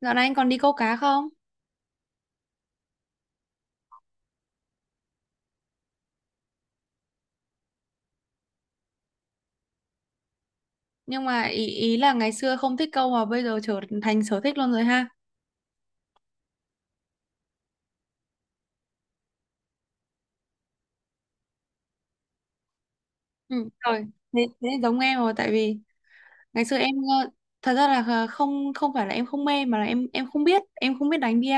Dạo này anh còn đi câu cá không? Nhưng mà ý ý là ngày xưa không thích câu mà bây giờ trở thành sở thích luôn rồi ha. Ừ, rồi. Thế giống em rồi tại vì ngày xưa em ờ, thật ra là không không phải là em không mê mà là em không biết, em không biết đánh bia.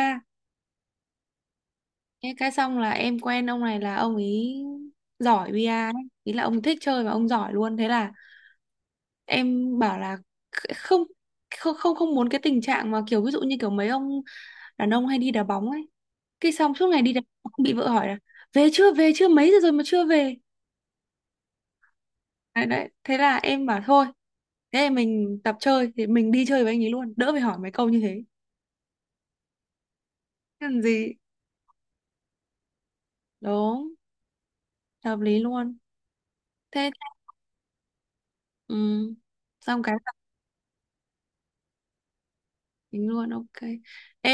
Thế cái xong là em quen ông này là ông ấy giỏi bia ấy. Ý là ông thích chơi và ông giỏi luôn. Thế là em bảo là không không không không muốn cái tình trạng mà kiểu ví dụ như kiểu mấy ông đàn ông hay đi đá bóng ấy cái xong suốt ngày đi đánh bóng, bị vợ hỏi là về chưa mấy giờ rồi mà chưa về đấy, đấy. Thế là em bảo thôi, thế thì mình tập chơi thì mình đi chơi với anh ấy luôn đỡ phải hỏi mấy câu như thế. Thế làm gì, đúng, hợp lý luôn, thế, ừ. Xong cái là tính luôn, ok.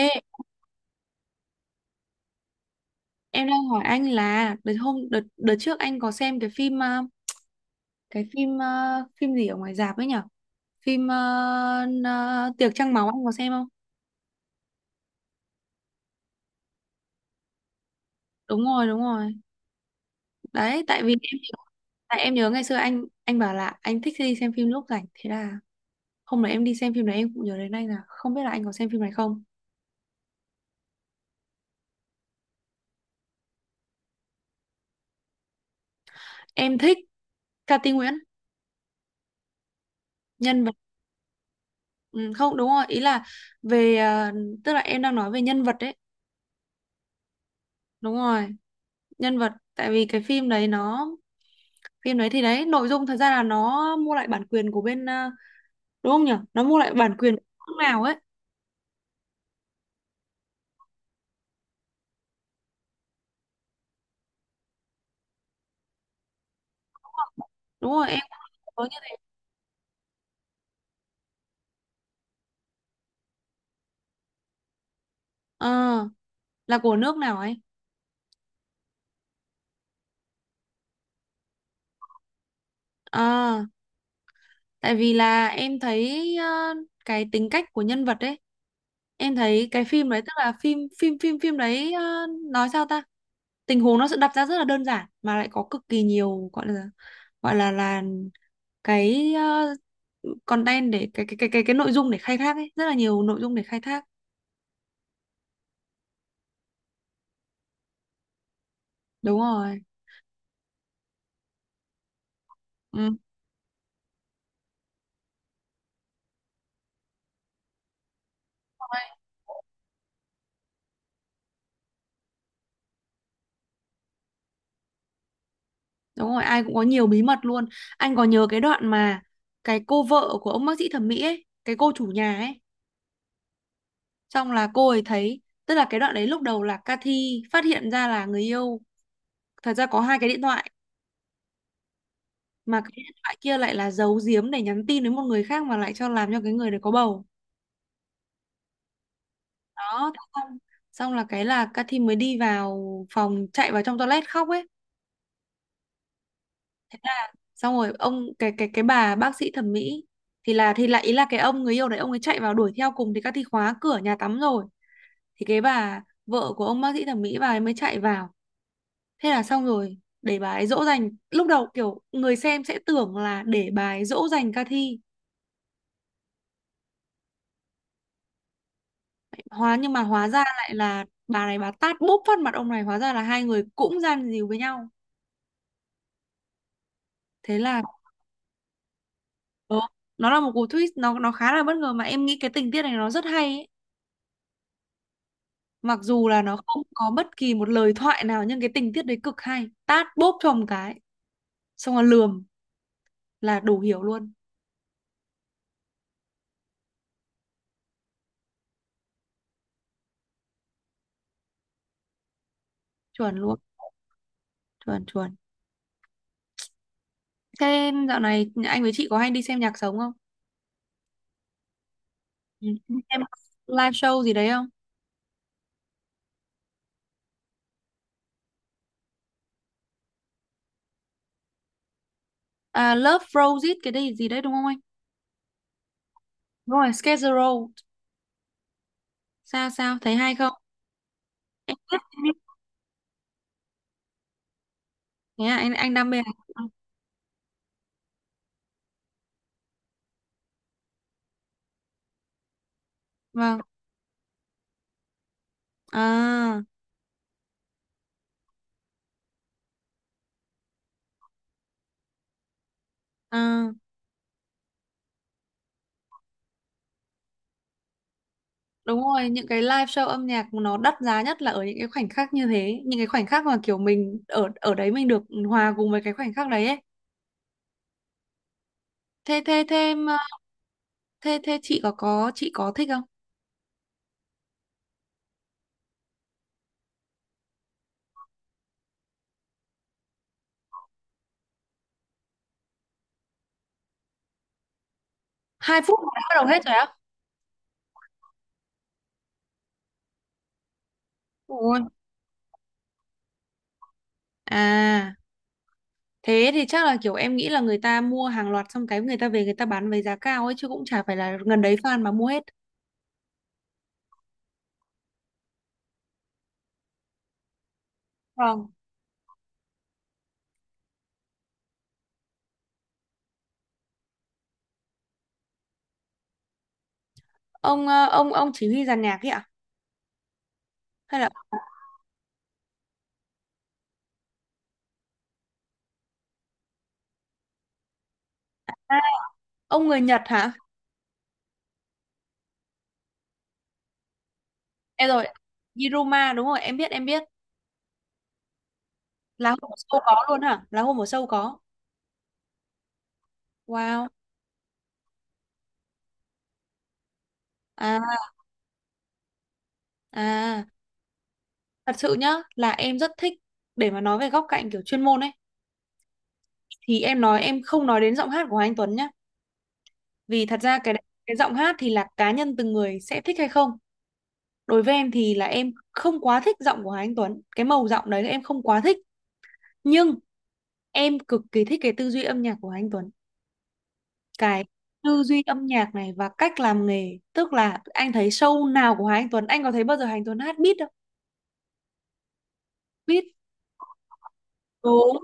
Ê, em đang hỏi anh là đợt hôm đợt đợt trước anh có xem cái phim cái phim phim gì ở ngoài rạp ấy nhở, phim tiệc trăng máu anh có xem không? Đúng rồi, đúng rồi, đấy. Tại vì tại em nhớ ngày xưa anh bảo là anh thích đi xem phim lúc rảnh, thế là hôm đấy em đi xem phim đấy em cũng nhớ đến anh là không biết là anh có xem phim này không. Em thích Cati Nguyễn, nhân vật. Ừ, không, đúng rồi, ý là về tức là em đang nói về nhân vật đấy. Đúng rồi, nhân vật. Tại vì cái phim đấy nó phim đấy thì đấy nội dung thật ra là nó mua lại bản quyền của bên đúng không nhỉ, nó mua lại bản quyền của nước nào ấy. Đúng rồi, em cũng có như thế. Ờ, là của nước nào ấy. Ờ, tại vì là em thấy cái tính cách của nhân vật ấy em thấy cái phim đấy, tức là phim phim phim phim đấy nói sao ta, tình huống nó sẽ đặt ra rất là đơn giản mà lại có cực kỳ nhiều, gọi là gọi là cái content để cái nội dung để khai thác ấy, rất là nhiều nội dung để khai thác. Đúng rồi. Ừ. Đúng rồi, ai cũng có nhiều bí mật luôn. Anh có nhớ cái đoạn mà cái cô vợ của ông bác sĩ thẩm mỹ ấy, cái cô chủ nhà ấy, xong là cô ấy thấy, tức là cái đoạn đấy lúc đầu là Cathy phát hiện ra là người yêu thật ra có hai cái điện thoại, mà cái điện thoại kia lại là giấu giếm để nhắn tin đến một người khác mà lại cho làm cho cái người đấy có bầu. Đó, thế xong xong là cái là Cathy mới đi vào phòng, chạy vào trong toilet khóc ấy. Xong rồi cái bà bác sĩ thẩm mỹ thì lại, ý là cái ông người yêu đấy ông ấy chạy vào đuổi theo cùng thì Cathy khóa cửa nhà tắm rồi. Thì cái bà vợ của ông bác sĩ thẩm mỹ bà ấy mới chạy vào. Thế là xong rồi, để bà ấy dỗ dành. Lúc đầu kiểu người xem sẽ tưởng là để bà ấy dỗ dành ca thi. Nhưng mà hóa ra lại là bà này bà tát bốp phát mặt ông này, hóa ra là hai người cũng gian díu với nhau. Thế là ờ, nó là một cú twist, nó khá là bất ngờ mà em nghĩ cái tình tiết này nó rất hay ấy. Mặc dù là nó không có bất kỳ một lời thoại nào nhưng cái tình tiết đấy cực hay. Tát bốp cho một cái, xong rồi lườm là đủ hiểu luôn. Chuẩn luôn, chuẩn, chuẩn. Thế dạo này anh với chị có hay đi xem nhạc sống không? Ừ. Em có live show gì đấy không? À, Love Frozen cái đấy gì đấy đúng không anh? Đúng rồi, Schedule Road. Sao sao thấy hay không? Thế à, anh đam mê à? Vâng. À, à, đúng rồi, những cái live show âm nhạc nó đắt giá nhất là ở những cái khoảnh khắc như thế, những cái khoảnh khắc mà kiểu mình ở ở đấy mình được hòa cùng với cái khoảnh khắc đấy ấy. Thế thế thế em, thế thế chị có thích không? 2 phút đã bắt đầu hết rồi á? Ôi. À. Thế thì chắc là kiểu em nghĩ là người ta mua hàng loạt xong cái người ta về người ta bán với giá cao ấy chứ cũng chả phải là gần đấy fan mà mua hết. Vâng. Ông ông chỉ huy dàn nhạc ấy ạ? Hay là à, ông người Nhật hả? Em rồi, Yiruma đúng rồi, em biết, em biết. Là hôm ở show có luôn hả? Là hôm ở show có. Wow. À, à, thật sự nhá, là em rất thích, để mà nói về góc cạnh kiểu chuyên môn ấy thì em nói em không nói đến giọng hát của Hoàng Anh Tuấn nhá, vì thật ra cái giọng hát thì là cá nhân từng người sẽ thích hay không, đối với em thì là em không quá thích giọng của Hà Anh Tuấn, cái màu giọng đấy em không quá thích, nhưng em cực kỳ thích cái tư duy âm nhạc của Hà Anh Tuấn, cái tư duy âm nhạc này và cách làm nghề, tức là anh thấy show nào của Hà Anh Tuấn anh có thấy bao giờ Hà Anh Tuấn hát beat đâu, beat. Đúng,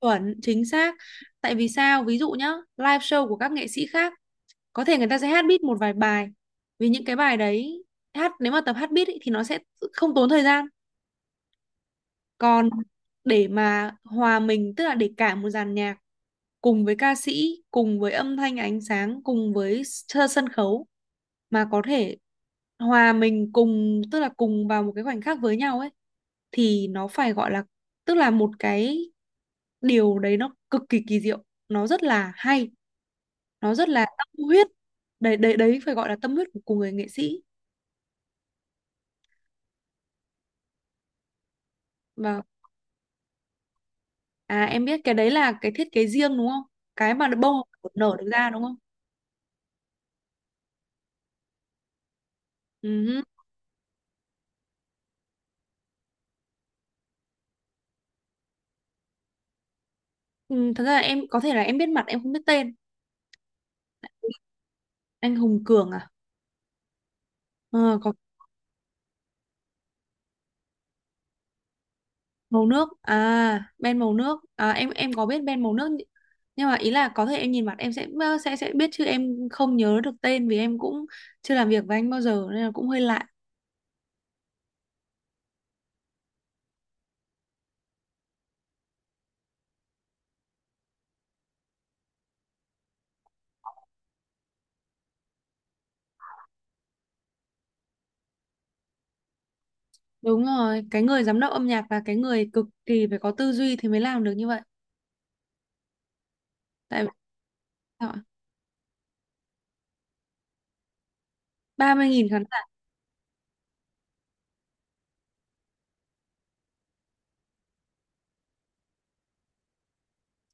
chuẩn, chính xác. Tại vì sao? Ví dụ nhá, live show của các nghệ sĩ khác, có thể người ta sẽ hát beat một vài bài. Vì những cái bài đấy hát nếu mà tập hát beat ý, thì nó sẽ không tốn thời gian. Còn để mà hòa mình, tức là để cả một dàn nhạc cùng với ca sĩ, cùng với âm thanh ánh sáng, cùng với sân khấu mà có thể hòa mình cùng, tức là cùng vào một cái khoảnh khắc với nhau ấy, thì nó phải gọi là, tức là một cái điều đấy nó cực kỳ kỳ diệu, nó rất là hay, nó rất là tâm huyết. Đấy, đấy, đấy, phải gọi là tâm huyết của người nghệ sĩ. Và à Em biết cái đấy là cái thiết kế riêng đúng không? Cái mà bông nở được ra đúng không? Ừ. Ừ, thật ra là em có thể là em biết mặt em không biết tên. Anh Hùng Cường à? Ờ, có, màu nước à, Ben màu nước à, em có biết Ben màu nước nhỉ? Nhưng mà ý là có thể em nhìn mặt em sẽ biết chứ em không nhớ được tên vì em cũng chưa làm việc với anh bao giờ nên là cũng hơi lạ. Đúng rồi, cái người giám đốc âm nhạc và cái người cực kỳ phải có tư duy thì mới làm được như vậy. Tại 30.000 khán giả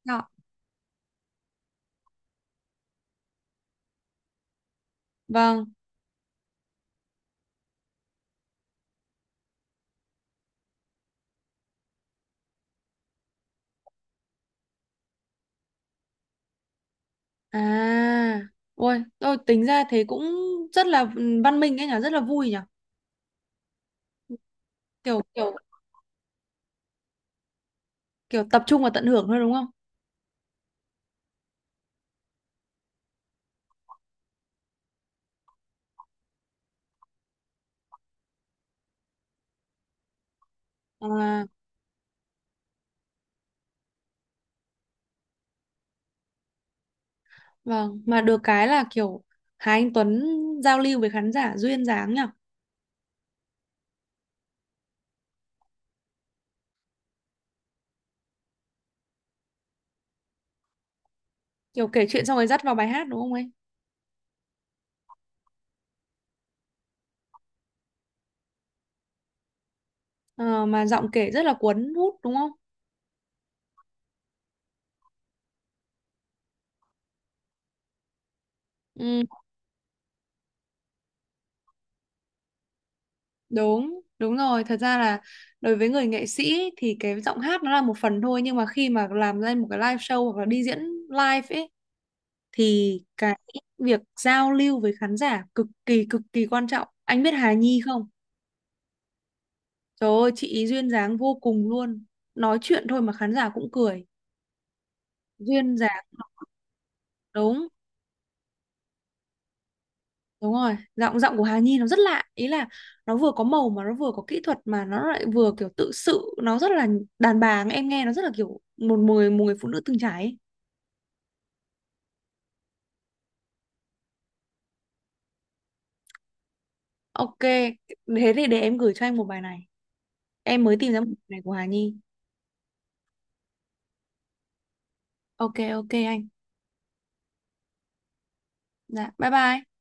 đó. Vâng. à Ôi tôi tính ra thế cũng rất là văn minh ấy nhỉ, rất là vui nhỉ. Kiểu kiểu Kiểu tập trung và tận hưởng thôi đúng không? À, vâng, mà được cái là kiểu Hà Anh Tuấn giao lưu với khán giả duyên dáng nhỉ? Kiểu kể chuyện xong rồi dắt vào bài hát đúng không ấy? Ờ, mà giọng kể rất là cuốn hút đúng không? Ừ, đúng, đúng rồi. Thật ra là đối với người nghệ sĩ thì cái giọng hát nó là một phần thôi, nhưng mà khi mà làm lên một cái live show hoặc là đi diễn live ấy thì cái việc giao lưu với khán giả cực kỳ, cực kỳ quan trọng. Anh biết Hà Nhi không? Trời ơi, chị ý duyên dáng vô cùng luôn. Nói chuyện thôi mà khán giả cũng cười. Duyên dáng, đúng, đúng rồi. Giọng giọng của Hà Nhi nó rất lạ. Ý là nó vừa có màu mà nó vừa có kỹ thuật mà nó lại vừa kiểu tự sự. Nó rất là đàn bà, em nghe nó rất là kiểu một người phụ nữ từng trải ấy. Ok, thế thì để em gửi cho anh một bài này. Em mới tìm ra một bài này của Hà Nhi. Ok, ok anh. Dạ, bye bye.